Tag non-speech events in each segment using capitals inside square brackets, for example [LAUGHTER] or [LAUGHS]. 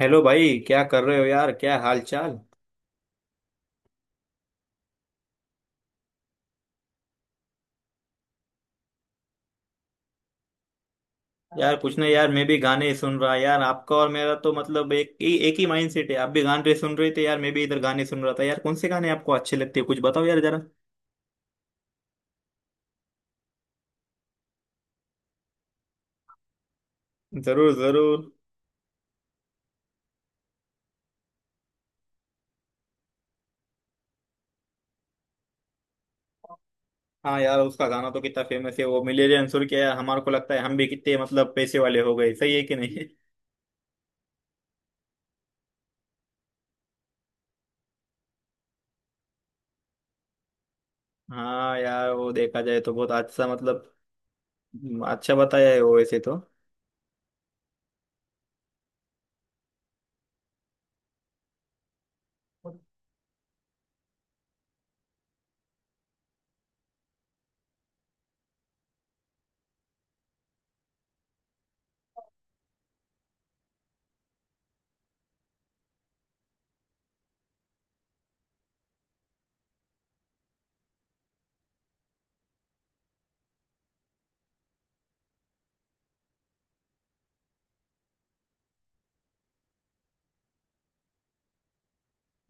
Hello भाई, क्या कर रहे हो यार? क्या हाल चाल? यार कुछ नहीं यार, मैं भी गाने ही सुन रहा। यार आपका और मेरा तो मतलब एक ही माइंड सेट है। आप भी गाने सुन रहे थे यार, मैं भी इधर गाने सुन रहा था। यार कौन से गाने आपको अच्छे लगते हैं, कुछ बताओ यार जरा। जरूर जरूर। हाँ यार, उसका गाना तो कितना फेमस है वो मिलेनियर अंसुर क्या। यार हमारे को लगता है हम भी कितने मतलब पैसे वाले हो गए। सही है कि नहीं? [LAUGHS] हाँ यार, वो देखा जाए तो बहुत अच्छा मतलब। अच्छा बताया है वो वैसे तो।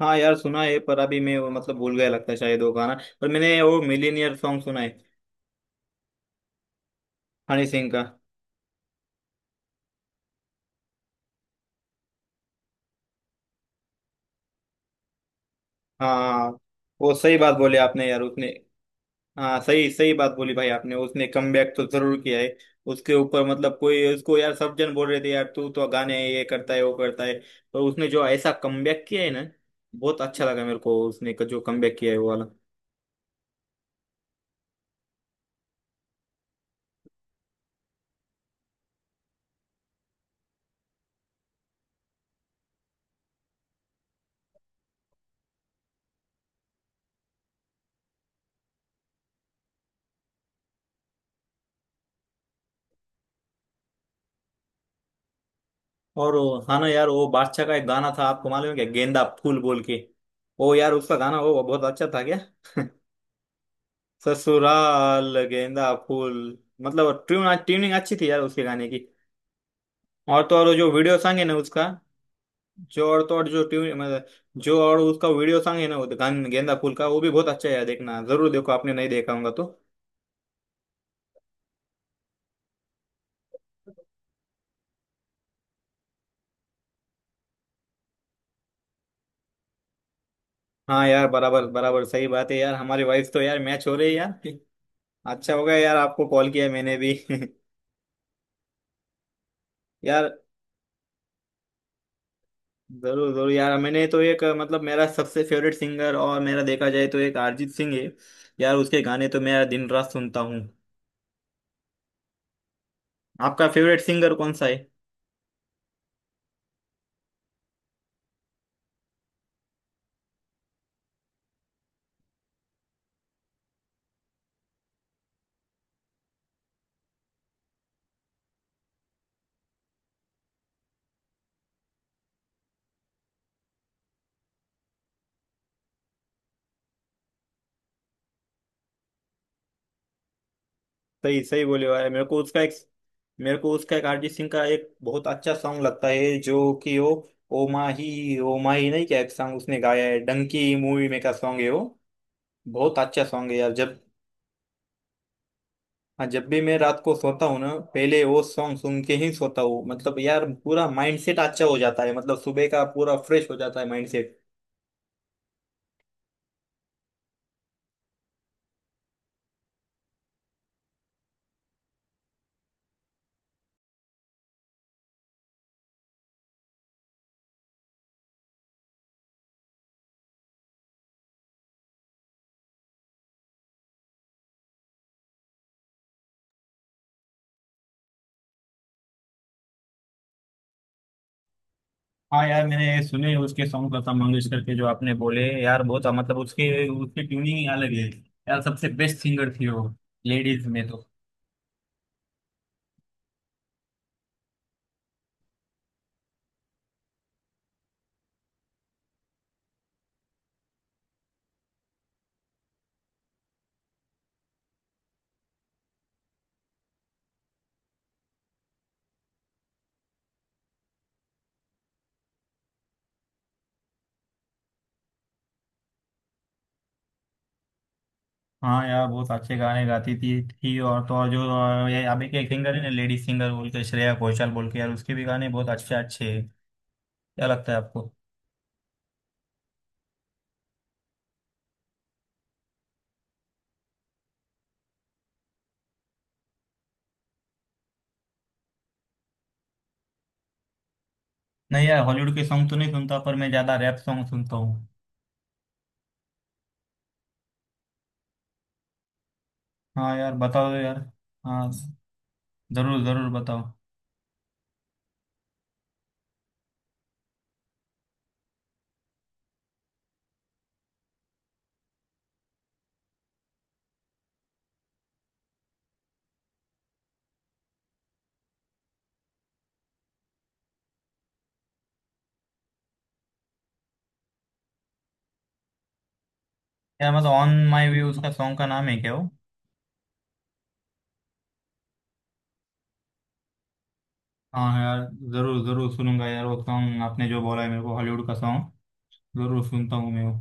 हाँ यार सुना है, पर अभी मैं वो मतलब भूल गया लगता है शायद वो गाना। पर मैंने वो मिलीनियर सॉन्ग सुना है। हनी सिंह का। हाँ, वो सही बात बोले आपने यार उसने। हाँ, सही सही बात बोली भाई आपने, उसने कमबैक तो जरूर किया है। उसके ऊपर मतलब कोई उसको यार सब जन बोल रहे थे यार, तू तो गाने ये करता है वो करता है। पर उसने जो ऐसा कमबैक किया है ना, बहुत अच्छा लगा मेरे को उसने का जो कमबैक किया है वो वाला। हाँ ना यार, वो बादशाह का एक गाना था, आपको मालूम है क्या, गेंदा फूल बोल के। वो यार उसका गाना वो बहुत अच्छा था क्या। [LAUGHS] ससुराल गेंदा फूल। मतलब ट्यूनिंग अच्छी थी यार उसके गाने की। और तो और वो जो वीडियो सॉन्ग है ना उसका। जो और तो और जो ट्यून मतलब। जो और उसका वीडियो सॉन्ग है ना, वो गान गेंदा फूल का, वो भी बहुत अच्छा है यार। देखना, जरूर देखो, आपने नहीं देखा होगा तो। हाँ यार, बराबर बराबर, सही बात है यार। हमारी वाइफ तो यार मैच हो रही है यार। अच्छा हो गया यार आपको कॉल किया मैंने भी। [LAUGHS] यार, जरूर जरूर यार। मैंने तो एक मतलब मेरा सबसे फेवरेट सिंगर और मेरा देखा जाए तो एक अरिजीत सिंह है। यार उसके गाने तो मैं दिन रात सुनता हूँ। आपका फेवरेट सिंगर कौन सा है? सही सही बोले भाई। मेरे को उसका एक, मेरे को उसका एक अरिजीत सिंह का एक बहुत अच्छा सॉन्ग लगता है जो कि वो ओ माही नहीं क्या, एक सॉन्ग उसने गाया है डंकी मूवी में का सॉन्ग है वो। बहुत अच्छा सॉन्ग है यार। जब, हाँ, जब भी मैं रात को सोता हूँ ना, पहले वो सॉन्ग सुन के ही सोता हूँ। मतलब यार पूरा माइंडसेट अच्छा हो जाता है, मतलब सुबह का पूरा फ्रेश हो जाता है माइंडसेट। हाँ यार, मैंने सुने उसके सॉन्ग लता मंगेशकर के जो आपने बोले यार, बहुत मतलब उसके उसकी ट्यूनिंग ही अलग है। यार सबसे बेस्ट सिंगर थी वो, लेडीज में तो। हाँ यार, बहुत अच्छे गाने गाती थी थी। और तो और जो ये अभी के सिंगर है ना लेडीज सिंगर बोल के, श्रेया घोषाल बोल के, यार उसके भी गाने बहुत अच्छे अच्छे हैं। क्या लगता है आपको? नहीं यार, हॉलीवुड के सॉन्ग तो नहीं सुनता, पर मैं ज्यादा रैप सॉन्ग सुनता हूँ। हाँ यार बताओ यार। हाँ, जरूर जरूर बताओ। यार मतलब ऑन माई व्यू उसका सॉन्ग का नाम है क्या वो? हाँ यार, जरूर जरूर सुनूंगा यार वो सॉन्ग आपने जो बोला है मेरे को हॉलीवुड का सॉन्ग। जरूर सुनता हूँ मैं वो।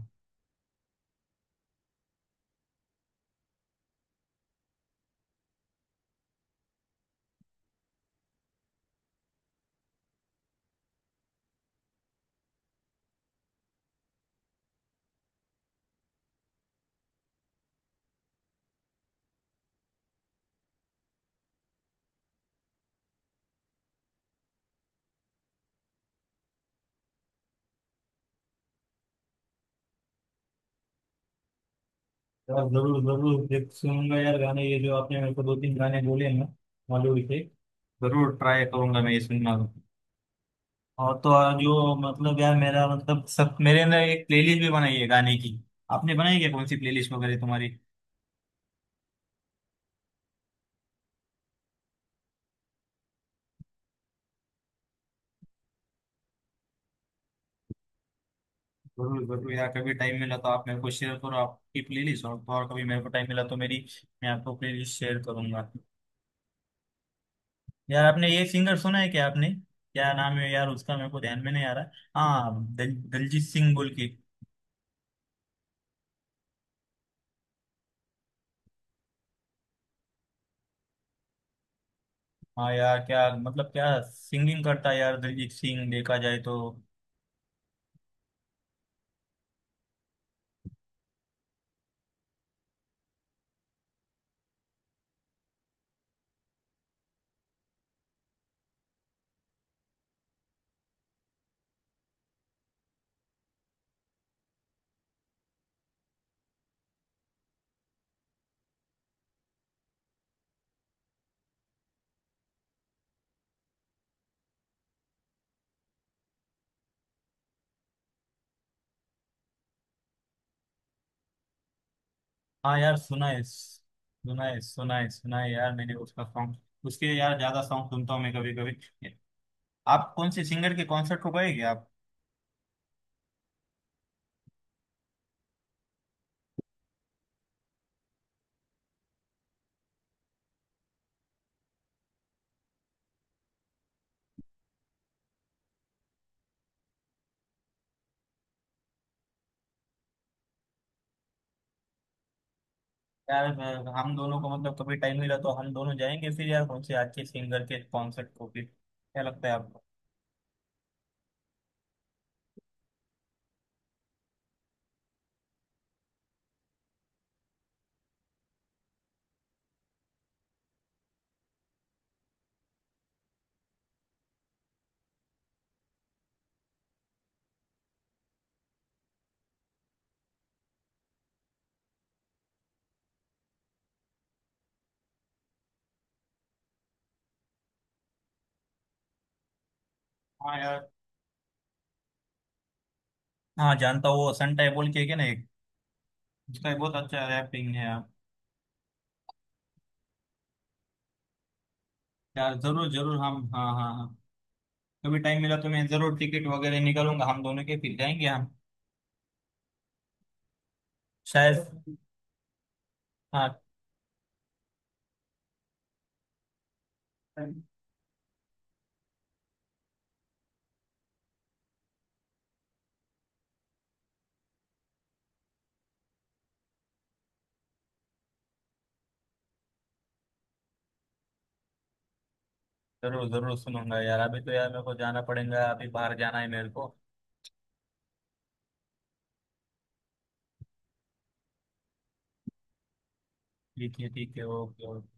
यार जरूर जरूर देख सुनूंगा यार गाने, ये जो आपने मेरे को दो तीन गाने बोले हैं ना बॉलीवुड के, जरूर ट्राई करूंगा मैं ये सुनना। और तो और जो मतलब यार, मेरा मतलब सब मेरे अंदर एक प्लेलिस्ट भी बनाई है गाने की। आपने बनाई क्या, कौन सी प्लेलिस्ट वगैरह तुम्हारी? जरूर जरूर यार, कभी टाइम मिला तो आप मेरे को शेयर करो आपकी प्लेलिस्ट, और तो और कभी मेरे को टाइम मिला तो मेरी, मैं आपको प्लेलिस्ट शेयर करूंगा। यार आपने ये सिंगर सुना है क्या आपने? क्या नाम है यार उसका, मेरे को ध्यान में नहीं आ रहा। हाँ, दलजीत सिंह बोल के। हाँ यार, क्या मतलब क्या सिंगिंग करता है यार दिलजीत सिंह देखा जाए तो। हाँ यार, सुना है सुना है सुना है सुना है यार, मैंने उसका सॉन्ग, उसके यार ज्यादा सॉन्ग सुनता हूँ मैं कभी कभी। आप कौन से सिंगर के कॉन्सर्ट को गए क्या आप? यार हम दोनों को मतलब कभी टाइम मिला तो हम दोनों जाएंगे फिर यार, कौन से अच्छे सिंगर के कॉन्सर्ट को फिर, क्या लगता है आपको? हाँ यार। हाँ जानता हूँ वो सन टाइप बोल के है क्या ना एक। उसका बहुत अच्छा रैपिंग है यार। यार जरूर जरूर हम, हाँ हाँ हाँ, कभी टाइम मिला तो मैं जरूर टिकट वगैरह निकालूंगा हम दोनों के, फिर जाएंगे हम। शायद। हाँ जरूर जरूर सुनूंगा यार। अभी तो यार मेरे को जाना पड़ेगा, अभी बाहर जाना है मेरे को। ठीक है ठीक है, ओके ओके।